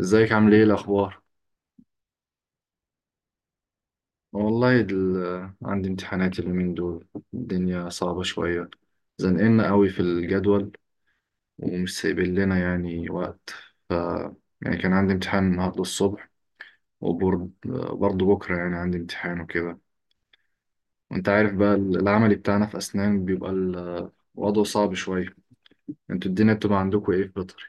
ازيك، عامل ايه الاخبار؟ والله عندي امتحانات اليومين دول. الدنيا صعبة شوية، زنقلنا قوي في الجدول ومش سايبين لنا يعني وقت. ف يعني كان عندي امتحان النهاردة الصبح، وبرضه بكرة يعني عندي امتحان وكده. وانت عارف بقى العملي بتاعنا في اسنان بيبقى الوضع صعب شوية. انتوا الدنيا بتبقى عندكم ايه في بيطري؟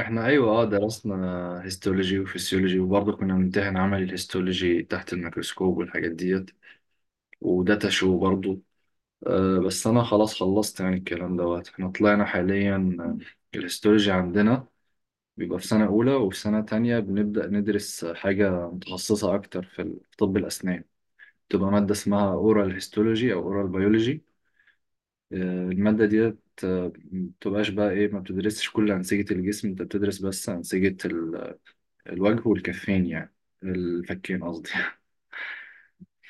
احنا ايوه اه درسنا هيستولوجي وفسيولوجي، وبرضه كنا بنمتحن عملي الهيستولوجي تحت الميكروسكوب والحاجات ديت وداتا شو برضو. بس انا خلاص خلصت يعني الكلام دوت. احنا طلعنا حاليا، الهيستولوجي عندنا بيبقى في سنة أولى، وفي سنة تانية بنبدأ ندرس حاجة متخصصة أكتر في في طب الأسنان. بتبقى مادة اسمها أورال هيستولوجي أو أورال بيولوجي. المادة ديت، مبتبقاش بقى إيه، ما بتدرسش كل أنسجة الجسم، أنت بتدرس بس أنسجة الوجه والكفين يعني، الفكين قصدي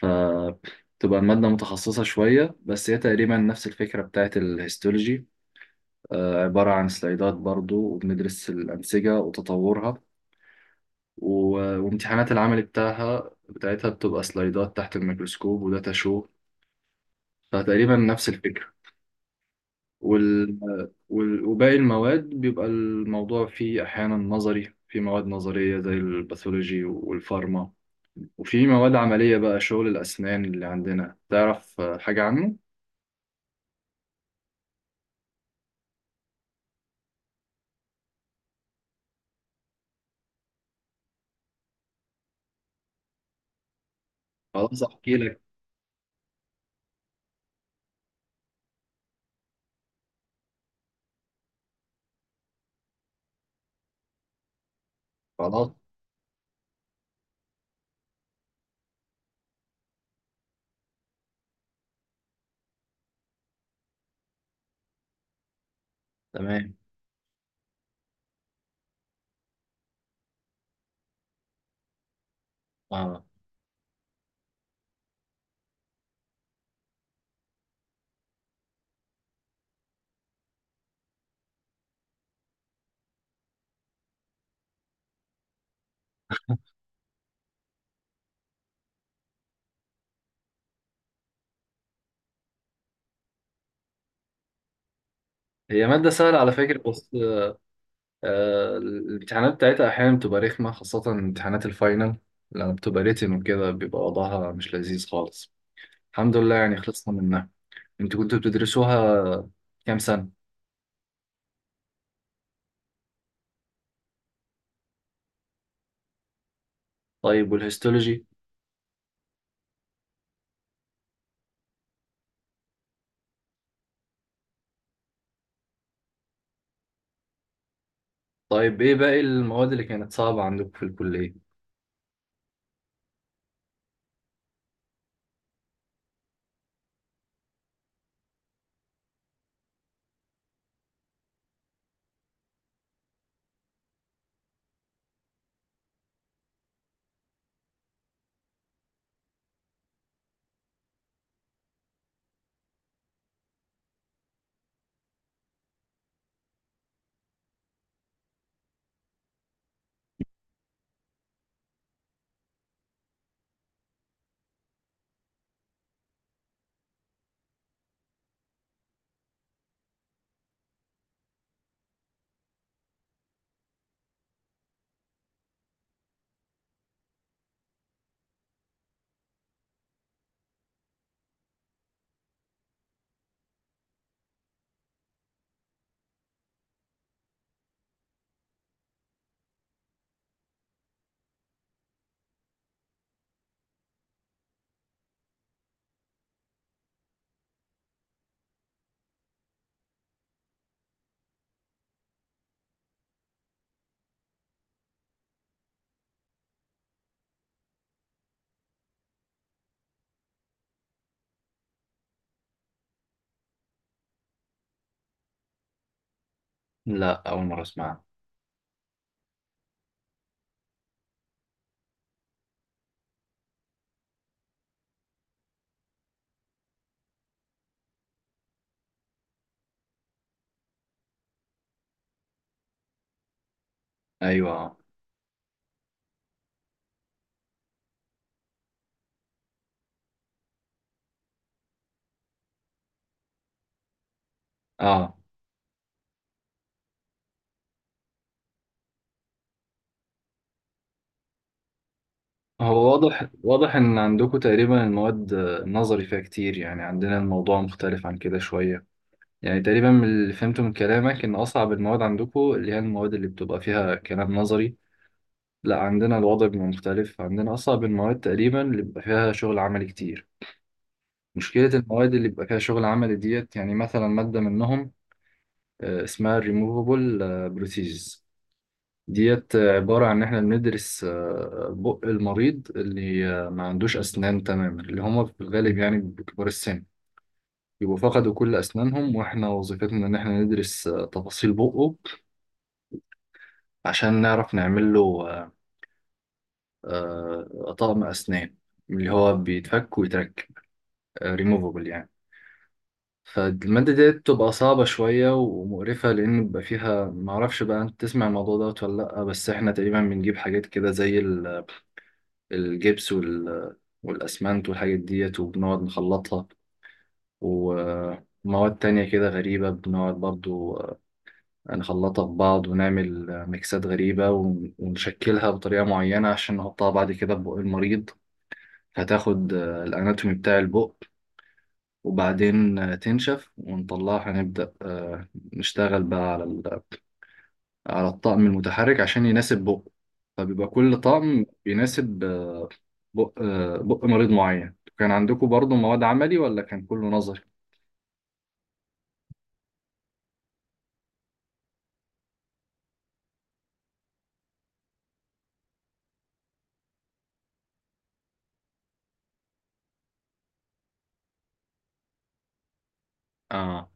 فتبقى المادة متخصصة شوية، بس هي تقريبا نفس الفكرة بتاعت الهيستولوجي. عبارة عن سلايدات برضو، وبندرس الأنسجة وتطورها. وامتحانات العمل بتاعتها بتبقى سلايدات تحت الميكروسكوب وداتا شو، فتقريبا نفس الفكرة. وال... وباقي المواد بيبقى الموضوع فيه أحيانا نظري، في مواد نظرية زي الباثولوجي والفارما، وفي مواد عملية بقى شغل الأسنان اللي عندنا. تعرف حاجة عنه؟ خلاص أحكي لك. خلاص. تمام. آه. هي مادة سهلة على فكرة، بس آه الامتحانات بتاعتها أحيانا بتبقى رخمة، خاصة امتحانات الفاينل. لما بتبقى ريتن وكده بيبقى وضعها مش لذيذ خالص. الحمد لله يعني خلصنا منها. انتوا كنتوا بتدرسوها كام سنة؟ طيب والهيستولوجي؟ طيب ايه باقي المواد اللي كانت صعبة عندكم في الكلية؟ لا، أول مرة أسمعها. أيوة. آه. هو واضح إن عندكم تقريبا المواد، النظري فيها كتير، يعني عندنا الموضوع مختلف عن كده شوية. يعني تقريبا من اللي فهمته من كلامك إن أصعب المواد عندكم اللي هي المواد اللي بتبقى فيها كلام نظري. لا، عندنا الوضع بيبقى مختلف، عندنا أصعب المواد تقريبا اللي بيبقى فيها شغل عملي كتير. مشكلة المواد اللي بيبقى فيها شغل عملي ديت، يعني مثلا مادة منهم اسمها Removable Prosthesis. ديت عبارة عن إن إحنا بندرس بق المريض اللي ما عندوش أسنان تماما، اللي هما في الغالب يعني بكبار السن، يبقوا فقدوا كل أسنانهم. وإحنا وظيفتنا إن إحنا ندرس تفاصيل بقه عشان نعرف نعمل له طقم أسنان، اللي هو بيتفك ويتركب، ريموفبل يعني. فالمادة دي بتبقى صعبة شوية ومقرفة، لأن بيبقى فيها معرفش بقى أنت تسمع الموضوع دوت ولا لأ، بس إحنا تقريبا بنجيب حاجات كده زي الجبس والأسمنت والحاجات ديت، وبنقعد نخلطها. ومواد تانية كده غريبة بنقعد برضو، نخلطها في بعض ونعمل ميكسات غريبة، ونشكلها بطريقة معينة عشان نحطها بعد كده في بق المريض. هتاخد الاناتومي بتاع البق، وبعدين تنشف ونطلعها، هنبدأ نشتغل بقى على على الطقم المتحرك عشان يناسب بق. فبيبقى كل طقم بيناسب بق مريض معين. كان عندكم برضو مواد عملي ولا كان كله نظري؟ اه.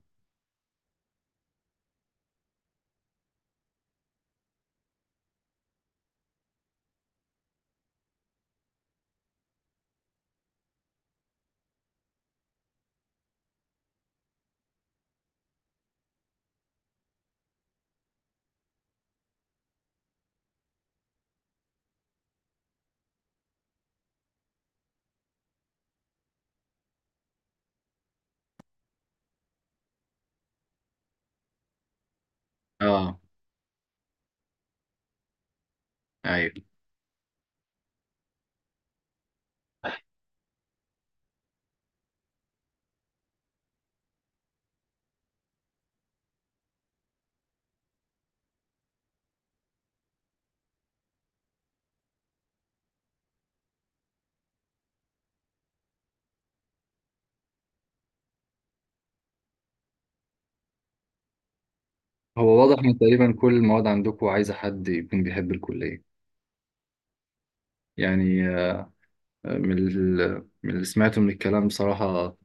اه. ايوه. هو واضح ان تقريبا كل المواد عندكم عايزه حد يكون بيحب الكليه. يعني من من اللي سمعته من الكلام بصراحه،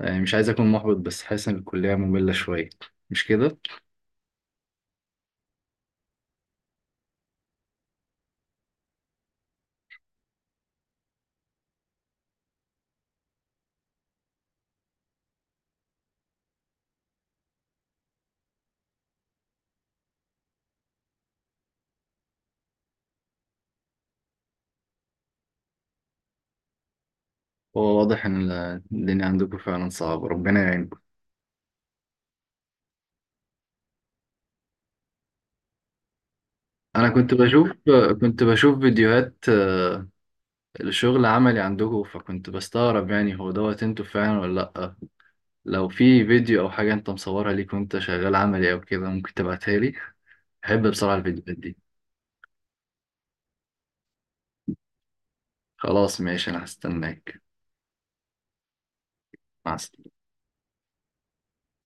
يعني مش عايز أكون محبط، بس حاسس إن الكلية مملة شوية، مش كده؟ هو واضح إن الدنيا عندكم فعلا صعبة، ربنا يعينكم. أنا كنت بشوف فيديوهات الشغل عملي عندكم، فكنت بستغرب يعني هو دوت أنتوا فعلا ولا لأ. لو في فيديو أو حاجة أنت مصورها ليك وأنت شغال عملي أو كده، ممكن تبعتها لي، بحب بصراحة الفيديوهات دي. خلاص ماشي، أنا هستناك. مع السلامة.